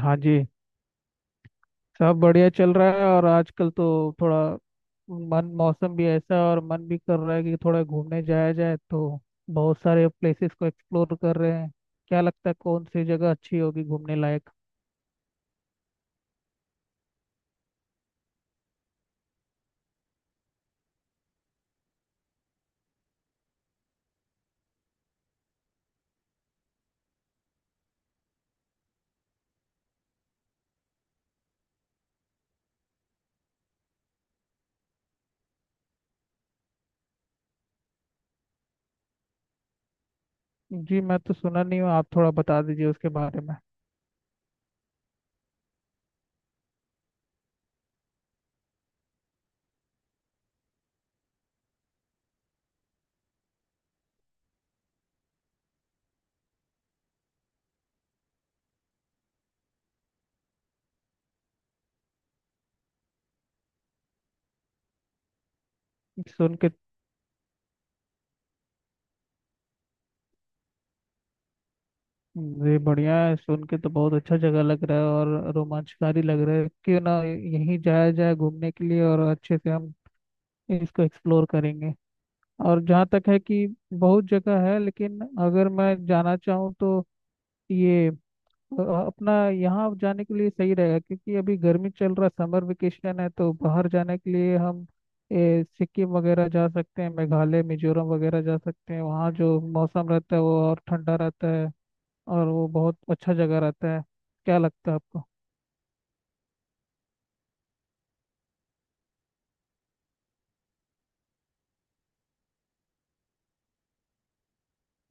हाँ जी, सब बढ़िया चल रहा है। और आजकल तो थोड़ा मन, मौसम भी ऐसा है और मन भी कर रहा है कि थोड़ा घूमने जाया जाए, तो बहुत सारे प्लेसेस को एक्सप्लोर कर रहे हैं। क्या लगता है कौन सी जगह अच्छी होगी घूमने लायक। जी, मैं तो सुना नहीं हूँ, आप थोड़ा बता दीजिए उसके बारे में। सुन के। जी बढ़िया है, सुन के तो बहुत अच्छा जगह लग रहा है और रोमांचकारी लग रहा है। क्यों ना यहीं जाया जाए घूमने के लिए, और अच्छे से हम इसको एक्सप्लोर करेंगे। और जहाँ तक है कि बहुत जगह है, लेकिन अगर मैं जाना चाहूँ तो ये अपना यहाँ जाने के लिए सही रहेगा। क्योंकि अभी गर्मी चल रहा, समर वेकेशन है, तो बाहर जाने के लिए हम सिक्किम वगैरह जा सकते हैं, मेघालय, मिजोरम वगैरह जा सकते हैं। वहाँ जो मौसम रहता है वो और ठंडा रहता है, और वो बहुत अच्छा जगह रहता है। क्या लगता है आपको।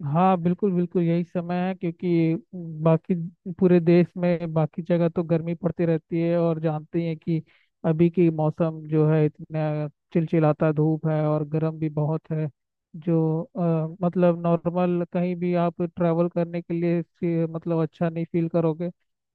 हाँ, बिल्कुल बिल्कुल यही समय है क्योंकि बाकी पूरे देश में बाकी जगह तो गर्मी पड़ती रहती है, और जानते ही हैं कि अभी की मौसम जो है इतना चिलचिलाता धूप है और गर्म भी बहुत है। जो मतलब नॉर्मल कहीं भी आप ट्रैवल करने के लिए मतलब अच्छा नहीं फील करोगे।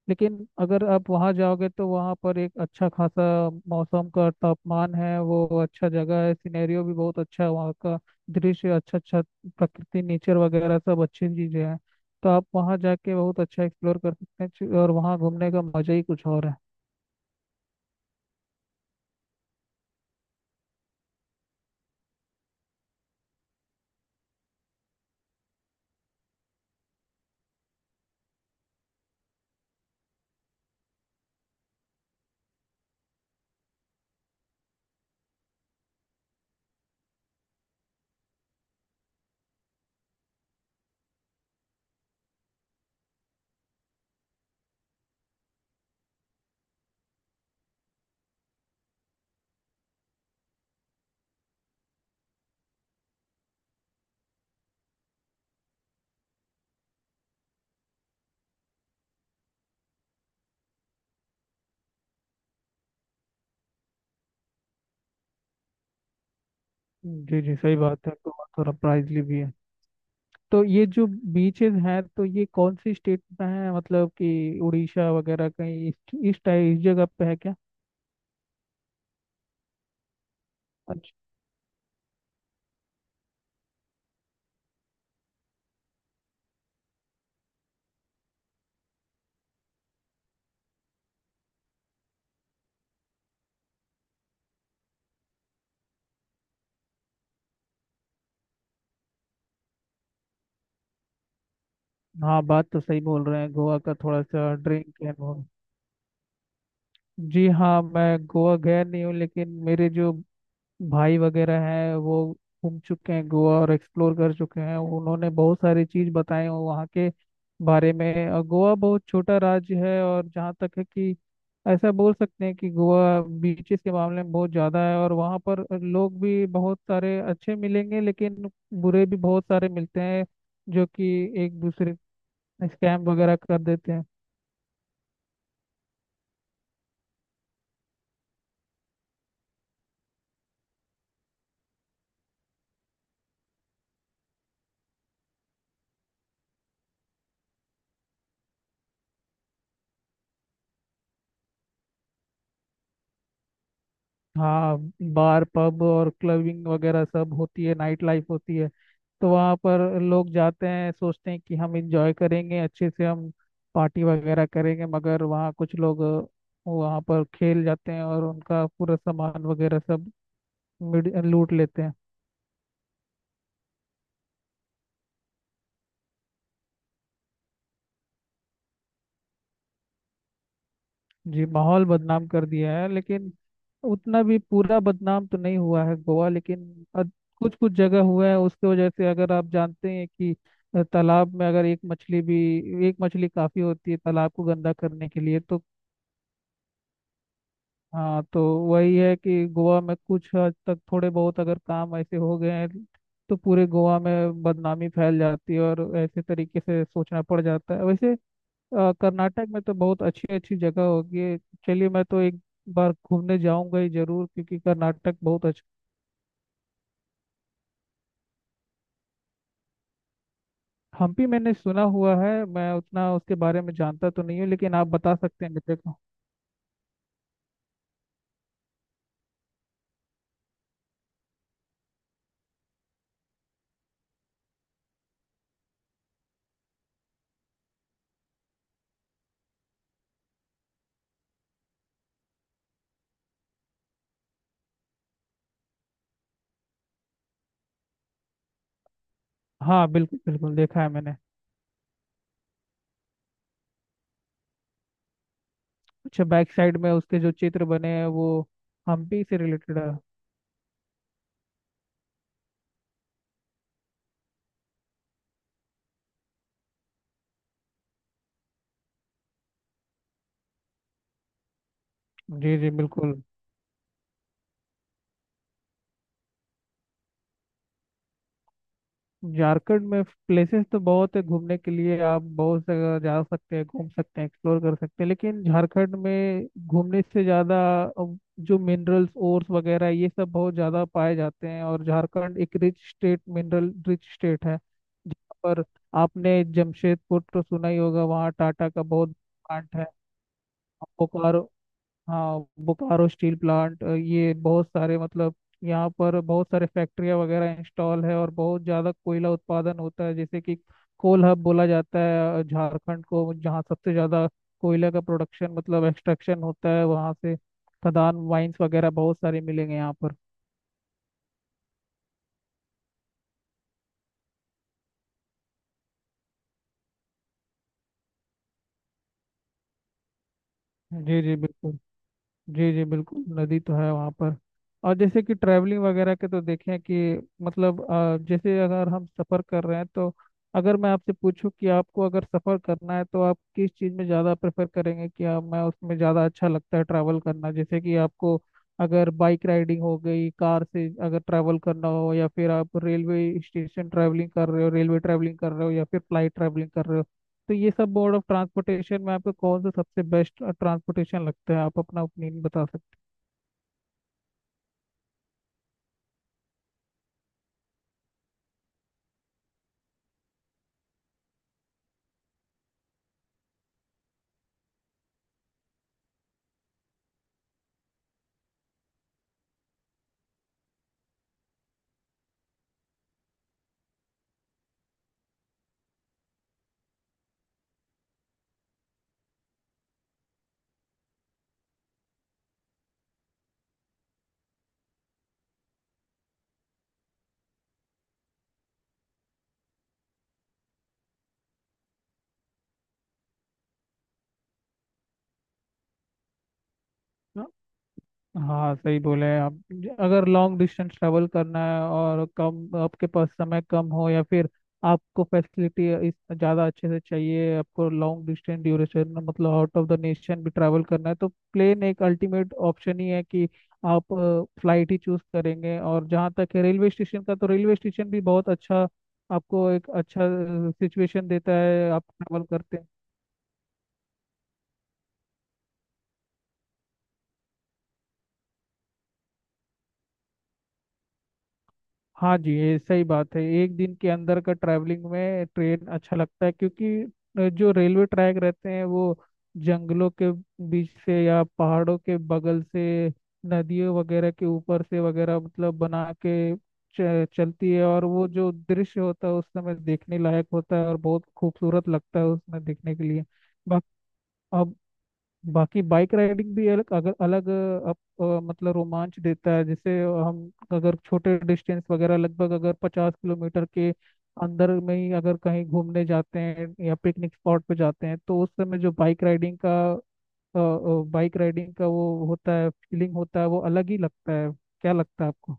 लेकिन अगर आप वहाँ जाओगे तो वहाँ पर एक अच्छा खासा मौसम का तापमान है, वो अच्छा जगह है, सिनेरियो भी बहुत अच्छा है वहाँ का। दृश्य अच्छा अच्छा प्रकृति, नेचर वगैरह सब अच्छी चीजें हैं। तो आप वहाँ जाके बहुत अच्छा एक्सप्लोर कर सकते हैं। और वहाँ घूमने का मजा ही कुछ और है। जी जी सही बात है, तो वहाँ थोड़ा प्राइजली भी है। तो ये जो बीचेस हैं, तो ये कौन सी स्टेट में है, मतलब कि उड़ीसा वगैरह कहीं इस टाइप इस जगह पे है क्या। अच्छा। हाँ बात तो सही बोल रहे हैं, गोवा का थोड़ा सा ड्रिंक एंड वो। जी हाँ, मैं गोवा गया नहीं हूँ, लेकिन मेरे जो भाई वगैरह हैं वो घूम चुके हैं गोवा और एक्सप्लोर कर चुके हैं। उन्होंने बहुत सारी चीज बताई हैं वहाँ के बारे में। और गोवा बहुत छोटा राज्य है, और जहाँ तक है कि ऐसा बोल सकते हैं कि गोवा बीचेस के मामले में बहुत ज़्यादा है और वहाँ पर लोग भी बहुत सारे अच्छे मिलेंगे, लेकिन बुरे भी बहुत सारे मिलते हैं जो कि एक दूसरे स्कैम वगैरह कर देते हैं। हाँ, बार, पब और क्लबिंग वगैरह सब होती है, नाइट लाइफ होती है। तो वहाँ पर लोग जाते हैं, सोचते हैं कि हम इंजॉय करेंगे अच्छे से, हम पार्टी वगैरह करेंगे। मगर वहाँ कुछ लोग वहाँ पर खेल जाते हैं और उनका पूरा सामान वगैरह सब लूट लेते हैं। जी, माहौल बदनाम कर दिया है, लेकिन उतना भी पूरा बदनाम तो नहीं हुआ है गोवा। लेकिन कुछ कुछ जगह हुआ है, उसकी वजह से अगर आप जानते हैं कि तालाब में अगर एक मछली भी, एक मछली काफी होती है तालाब को गंदा करने के लिए। तो हाँ, तो वही है कि गोवा में कुछ हद तक थोड़े बहुत अगर काम ऐसे हो गए हैं तो पूरे गोवा में बदनामी फैल जाती है, और ऐसे तरीके से सोचना पड़ जाता है वैसे। कर्नाटक में तो बहुत अच्छी अच्छी जगह होगी है। चलिए, मैं तो एक बार घूमने जाऊंगा ही जरूर क्योंकि कर्नाटक बहुत अच्छा। हम्पी मैंने सुना हुआ है, मैं उतना उसके बारे में जानता तो नहीं हूँ, लेकिन आप बता सकते हैं मुझे को। हाँ बिल्कुल बिल्कुल, देखा है मैंने। अच्छा, बैक साइड में उसके जो चित्र बने हैं वो हम्पी से रिलेटेड है। जी जी बिल्कुल। झारखंड में प्लेसेस तो बहुत है, घूमने के लिए आप बहुत जगह जा सकते हैं, घूम सकते हैं, एक्सप्लोर कर सकते हैं। लेकिन झारखंड में घूमने से ज़्यादा अब जो मिनरल्स, ओर्स वगैरह ये सब बहुत ज़्यादा पाए जाते हैं, और झारखंड एक rich state, mineral rich state है। जहाँ पर आपने जमशेदपुर तो सुना ही होगा, वहाँ टाटा का बहुत प्लांट है। बोकारो। हाँ, बोकारो स्टील प्लांट। ये बहुत सारे मतलब यहाँ पर बहुत सारे फैक्ट्रियाँ वगैरह इंस्टॉल है और बहुत ज़्यादा कोयला उत्पादन होता है, जैसे कि कोल हब बोला जाता है झारखंड को, जहाँ सबसे ज़्यादा कोयला का प्रोडक्शन, मतलब एक्सट्रैक्शन होता है वहाँ से। खदान, माइंस वगैरह बहुत सारे मिलेंगे यहाँ पर। जी जी बिल्कुल। जी जी बिल्कुल, नदी तो है वहाँ पर। और जैसे कि ट्रैवलिंग वगैरह के तो देखें कि मतलब जैसे अगर हम सफ़र कर रहे हैं तो अगर मैं आपसे पूछूं कि आपको अगर सफ़र करना है तो आप किस चीज़ में ज़्यादा प्रेफर करेंगे, कि आप, मैं उसमें ज़्यादा अच्छा लगता है ट्रैवल करना, जैसे कि आपको अगर बाइक राइडिंग हो गई, कार से अगर ट्रैवल करना हो, या फिर आप रेलवे स्टेशन ट्रैवलिंग कर रहे हो, रेलवे ट्रैवलिंग कर रहे हो, या फिर फ्लाइट ट्रैवलिंग कर रहे हो। तो ये सब मोड ऑफ ट्रांसपोर्टेशन में आपको कौन सा सबसे बेस्ट ट्रांसपोर्टेशन लगता है, आप अपना ओपिनियन बता सकते हैं। हाँ सही बोले आप। अगर लॉन्ग डिस्टेंस ट्रेवल करना है और कम, आपके पास समय कम हो, या फिर आपको फैसिलिटी इस ज़्यादा अच्छे से चाहिए, आपको लॉन्ग डिस्टेंस ड्यूरेशन मतलब आउट ऑफ द नेशन भी ट्रैवल करना है, तो प्लेन एक अल्टीमेट ऑप्शन ही है कि आप फ्लाइट ही चूज करेंगे। और जहाँ तक है रेलवे स्टेशन का, तो रेलवे स्टेशन भी बहुत अच्छा आपको एक अच्छा सिचुएशन देता है, आप ट्रैवल करते हैं। हाँ जी, ये सही बात है। एक दिन के अंदर का ट्रैवलिंग में ट्रेन अच्छा लगता है, क्योंकि जो रेलवे ट्रैक रहते हैं वो जंगलों के बीच से या पहाड़ों के बगल से, नदियों वगैरह के ऊपर से वगैरह, मतलब बना के चलती है, और वो जो दृश्य होता है उस समय देखने लायक होता है और बहुत खूबसूरत लगता है उसमें देखने के लिए। बाकी अब बाकी बाइक राइडिंग भी अलग, अगर अलग मतलब रोमांच देता है। जैसे हम अगर छोटे डिस्टेंस वगैरह, लगभग अगर 50 किलोमीटर के अंदर में ही अगर कहीं घूमने जाते हैं या पिकनिक स्पॉट पे जाते हैं, तो उस समय जो बाइक राइडिंग का वो होता है, फीलिंग होता है, वो अलग ही लगता है। क्या लगता है आपको।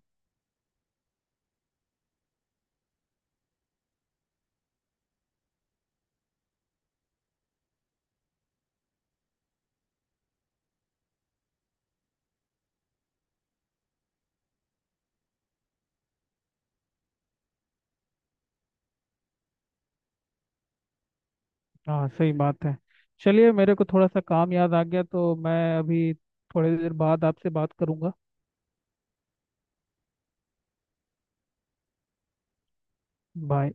हाँ सही बात है। चलिए, मेरे को थोड़ा सा काम याद आ गया तो मैं अभी थोड़ी देर बाद आपसे बात करूंगा। बाय।